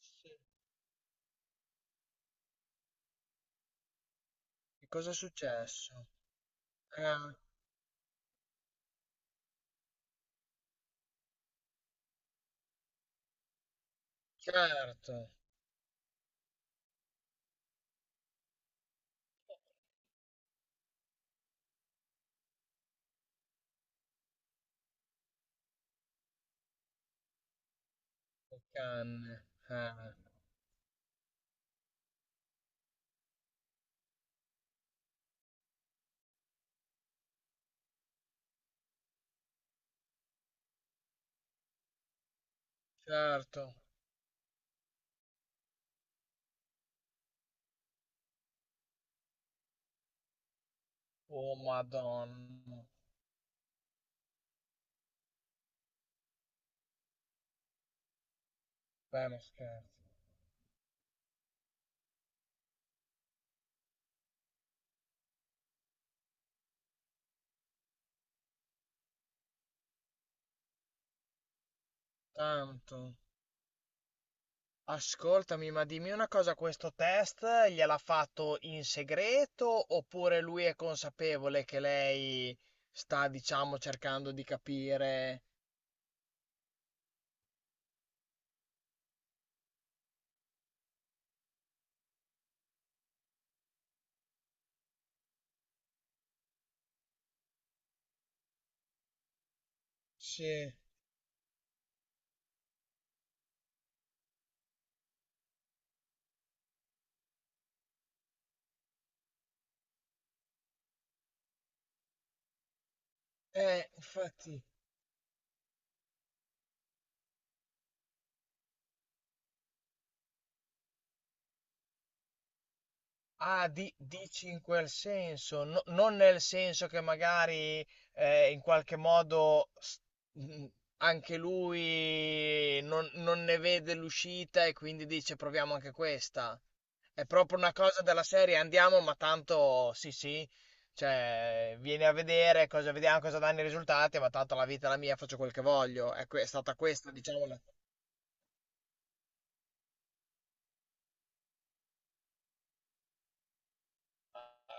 Sì, che cosa è successo? Ah, certo, che canne. Ah, certo. Oh, Madonna. Beh, non scherzo. Tanto. Ascoltami, ma dimmi una cosa, questo test gliel'ha fatto in segreto oppure lui è consapevole che lei sta, diciamo, cercando di capire? Sì. Infatti. Ah, dici in quel senso, non nel senso che magari in qualche modo mh, anche lui non ne vede l'uscita e quindi dice proviamo anche questa. È proprio una cosa della serie, andiamo, ma tanto sì, sì, cioè vieni a vedere cosa vediamo, cosa danno i risultati, ma tanto la vita è la mia, faccio quel che voglio. È, è stata questa, diciamo, la...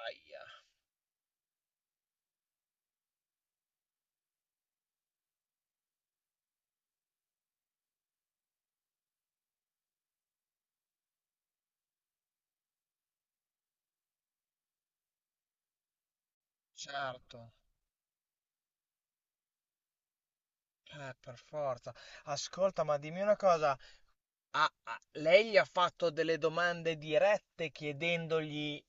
Aia, certo, per forza. Ascolta, ma dimmi una cosa. Ah, lei gli ha fatto delle domande dirette chiedendogli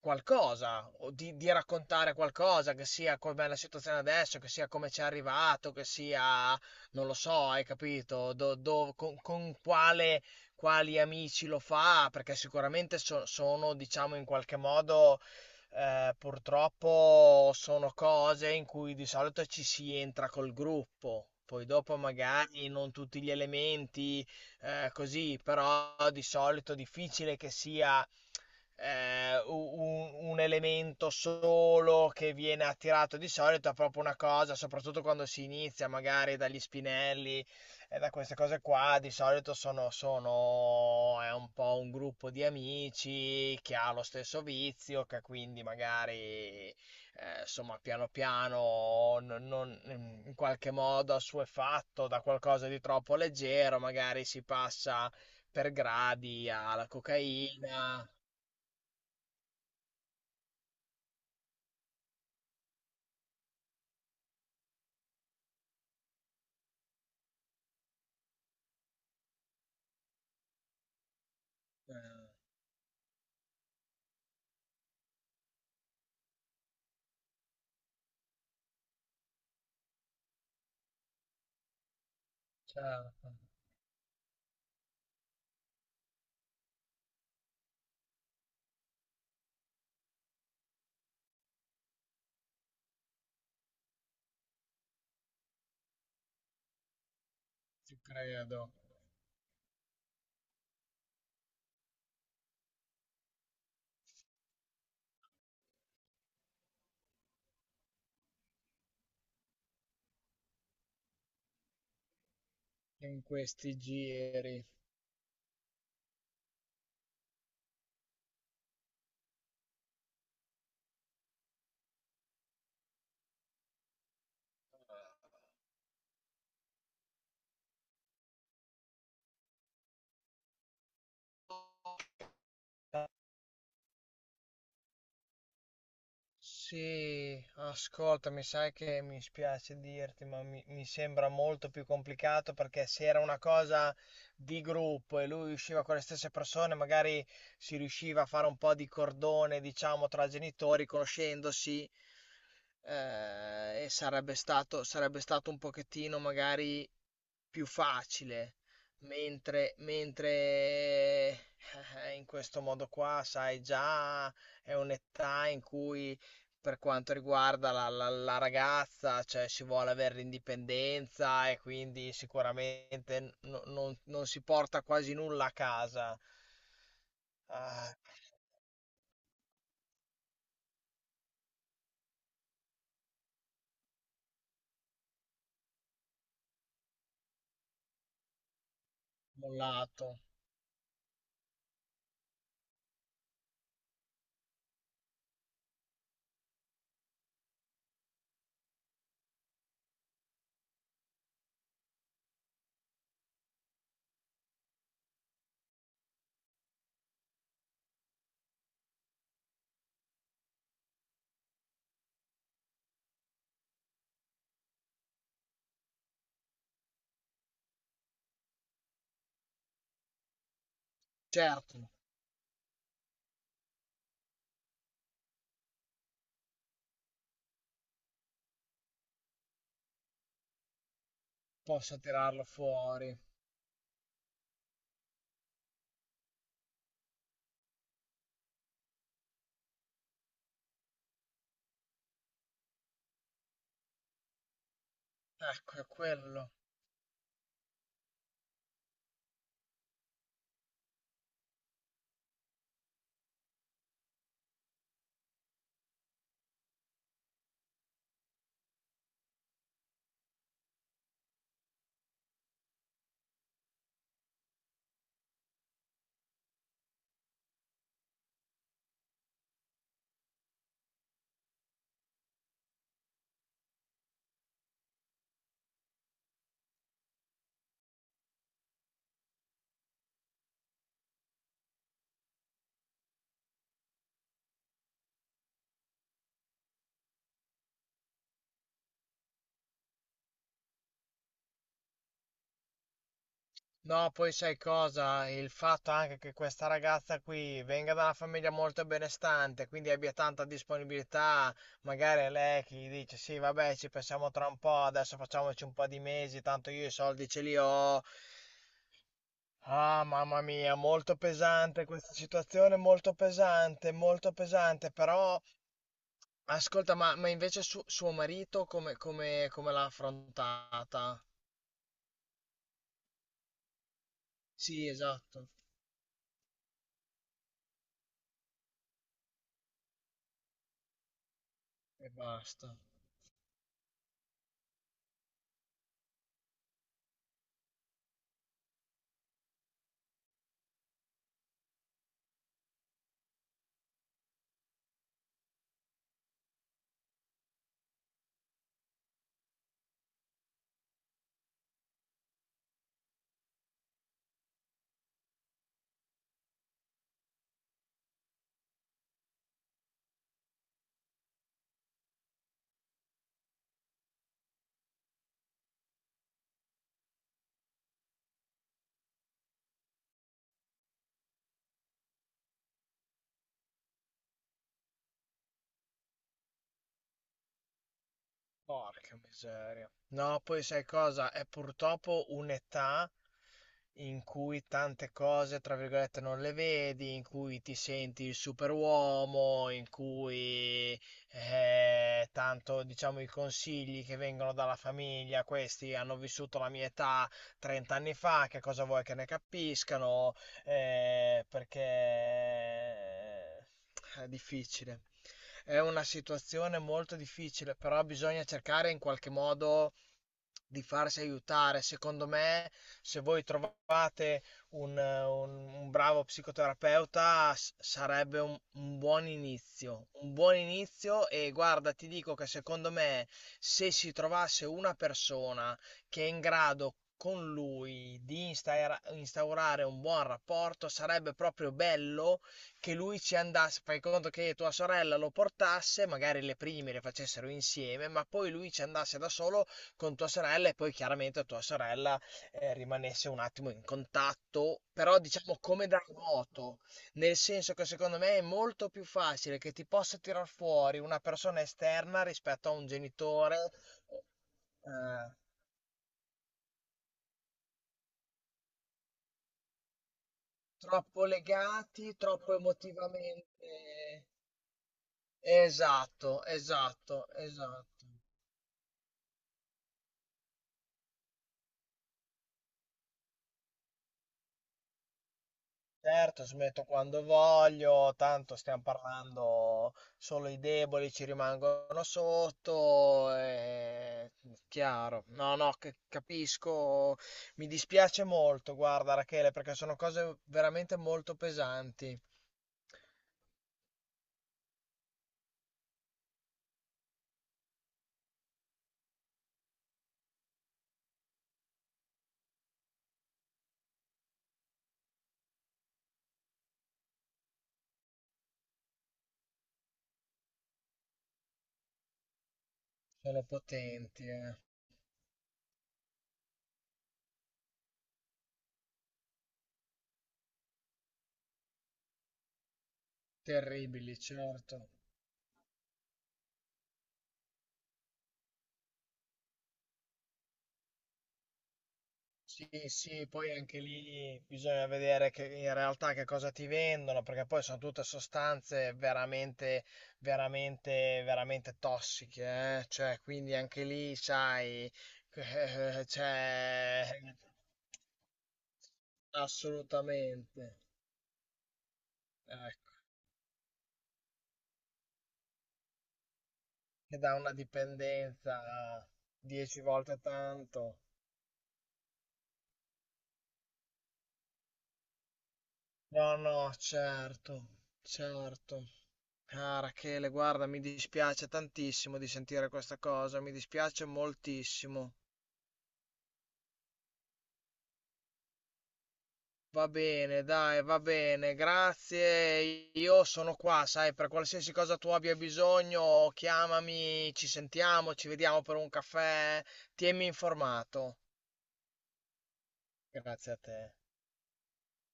qualcosa, o di raccontare qualcosa, che sia com'è la situazione adesso, che sia come ci è arrivato, che sia, non lo so, hai capito, con quale, quali amici lo fa, perché sicuramente sono, diciamo, in qualche modo, purtroppo sono cose in cui di solito ci si entra col gruppo. Poi dopo magari non tutti gli elementi, così, però di solito è difficile che sia, eh, u- un elemento solo che viene attirato di solito è proprio una cosa, soprattutto quando si inizia magari dagli spinelli e da queste cose qua, di solito sono è un po' un gruppo di amici che ha lo stesso vizio, che quindi magari insomma piano piano in qualche modo assuefatto da qualcosa di troppo leggero, magari si passa per gradi alla cocaina. Eh, certo, ci credo, in questi giri. Sì, ascolta, mi sai che mi spiace dirti, ma mi sembra molto più complicato perché se era una cosa di gruppo e lui usciva con le stesse persone, magari si riusciva a fare un po' di cordone, diciamo, tra genitori, conoscendosi e sarebbe stato un pochettino magari più facile, mentre, in questo modo qua, sai, già è un'età in cui per quanto riguarda la ragazza, cioè si vuole avere l'indipendenza e quindi sicuramente non si porta quasi nulla a casa. Ah, mollato. Certo, posso tirarlo fuori. Ecco, è quello. No, poi sai cosa? Il fatto anche che questa ragazza qui venga da una famiglia molto benestante, quindi abbia tanta disponibilità, magari è lei che gli dice sì, vabbè, ci pensiamo tra un po', adesso facciamoci un po' di mesi, tanto io i soldi ce li ho. Ah, mamma mia, molto pesante questa situazione, molto pesante, però ascolta, ma invece suo marito come l'ha affrontata? Sì, esatto, e basta. Porca miseria. No, poi sai cosa? È purtroppo un'età in cui tante cose, tra virgolette, non le vedi, in cui ti senti il superuomo, in cui tanto, diciamo, i consigli che vengono dalla famiglia, questi hanno vissuto la mia età 30 anni fa, che cosa vuoi che ne capiscano? Perché è difficile. È una situazione molto difficile, però bisogna cercare in qualche modo di farsi aiutare. Secondo me, se voi trovate un bravo psicoterapeuta, sarebbe un buon inizio. Un buon inizio e guarda, ti dico che secondo me, se si trovasse una persona che è in grado con lui di instaurare un buon rapporto, sarebbe proprio bello che lui ci andasse, fai conto che tua sorella lo portasse, magari le prime le facessero insieme, ma poi lui ci andasse da solo con tua sorella e poi chiaramente tua sorella rimanesse un attimo in contatto, però diciamo come da remoto, nel senso che secondo me è molto più facile che ti possa tirar fuori una persona esterna rispetto a un genitore eh, troppo legati, troppo emotivamente. Esatto, esatto, esatto. Certo, smetto quando voglio, tanto stiamo parlando solo i deboli ci rimangono sotto, è chiaro. No, no, che- capisco, mi dispiace molto, guarda Rachele, perché sono cose veramente molto pesanti, sono potenti, eh. Terribili, certo. Sì, sì, poi anche lì bisogna vedere che in realtà che cosa ti vendono, perché poi sono tutte sostanze veramente tossiche, eh. Cioè, quindi anche lì, sai, cioè, assolutamente, ecco, che dà una dipendenza 10 volte tanto. No, no, certo, certo. Ah, Rachele, guarda, mi dispiace tantissimo di sentire questa cosa, mi dispiace moltissimo. Va bene, dai, va bene, grazie. Io sono qua, sai, per qualsiasi cosa tu abbia bisogno, chiamami, ci sentiamo, ci vediamo per un caffè, tienimi informato. Grazie a te.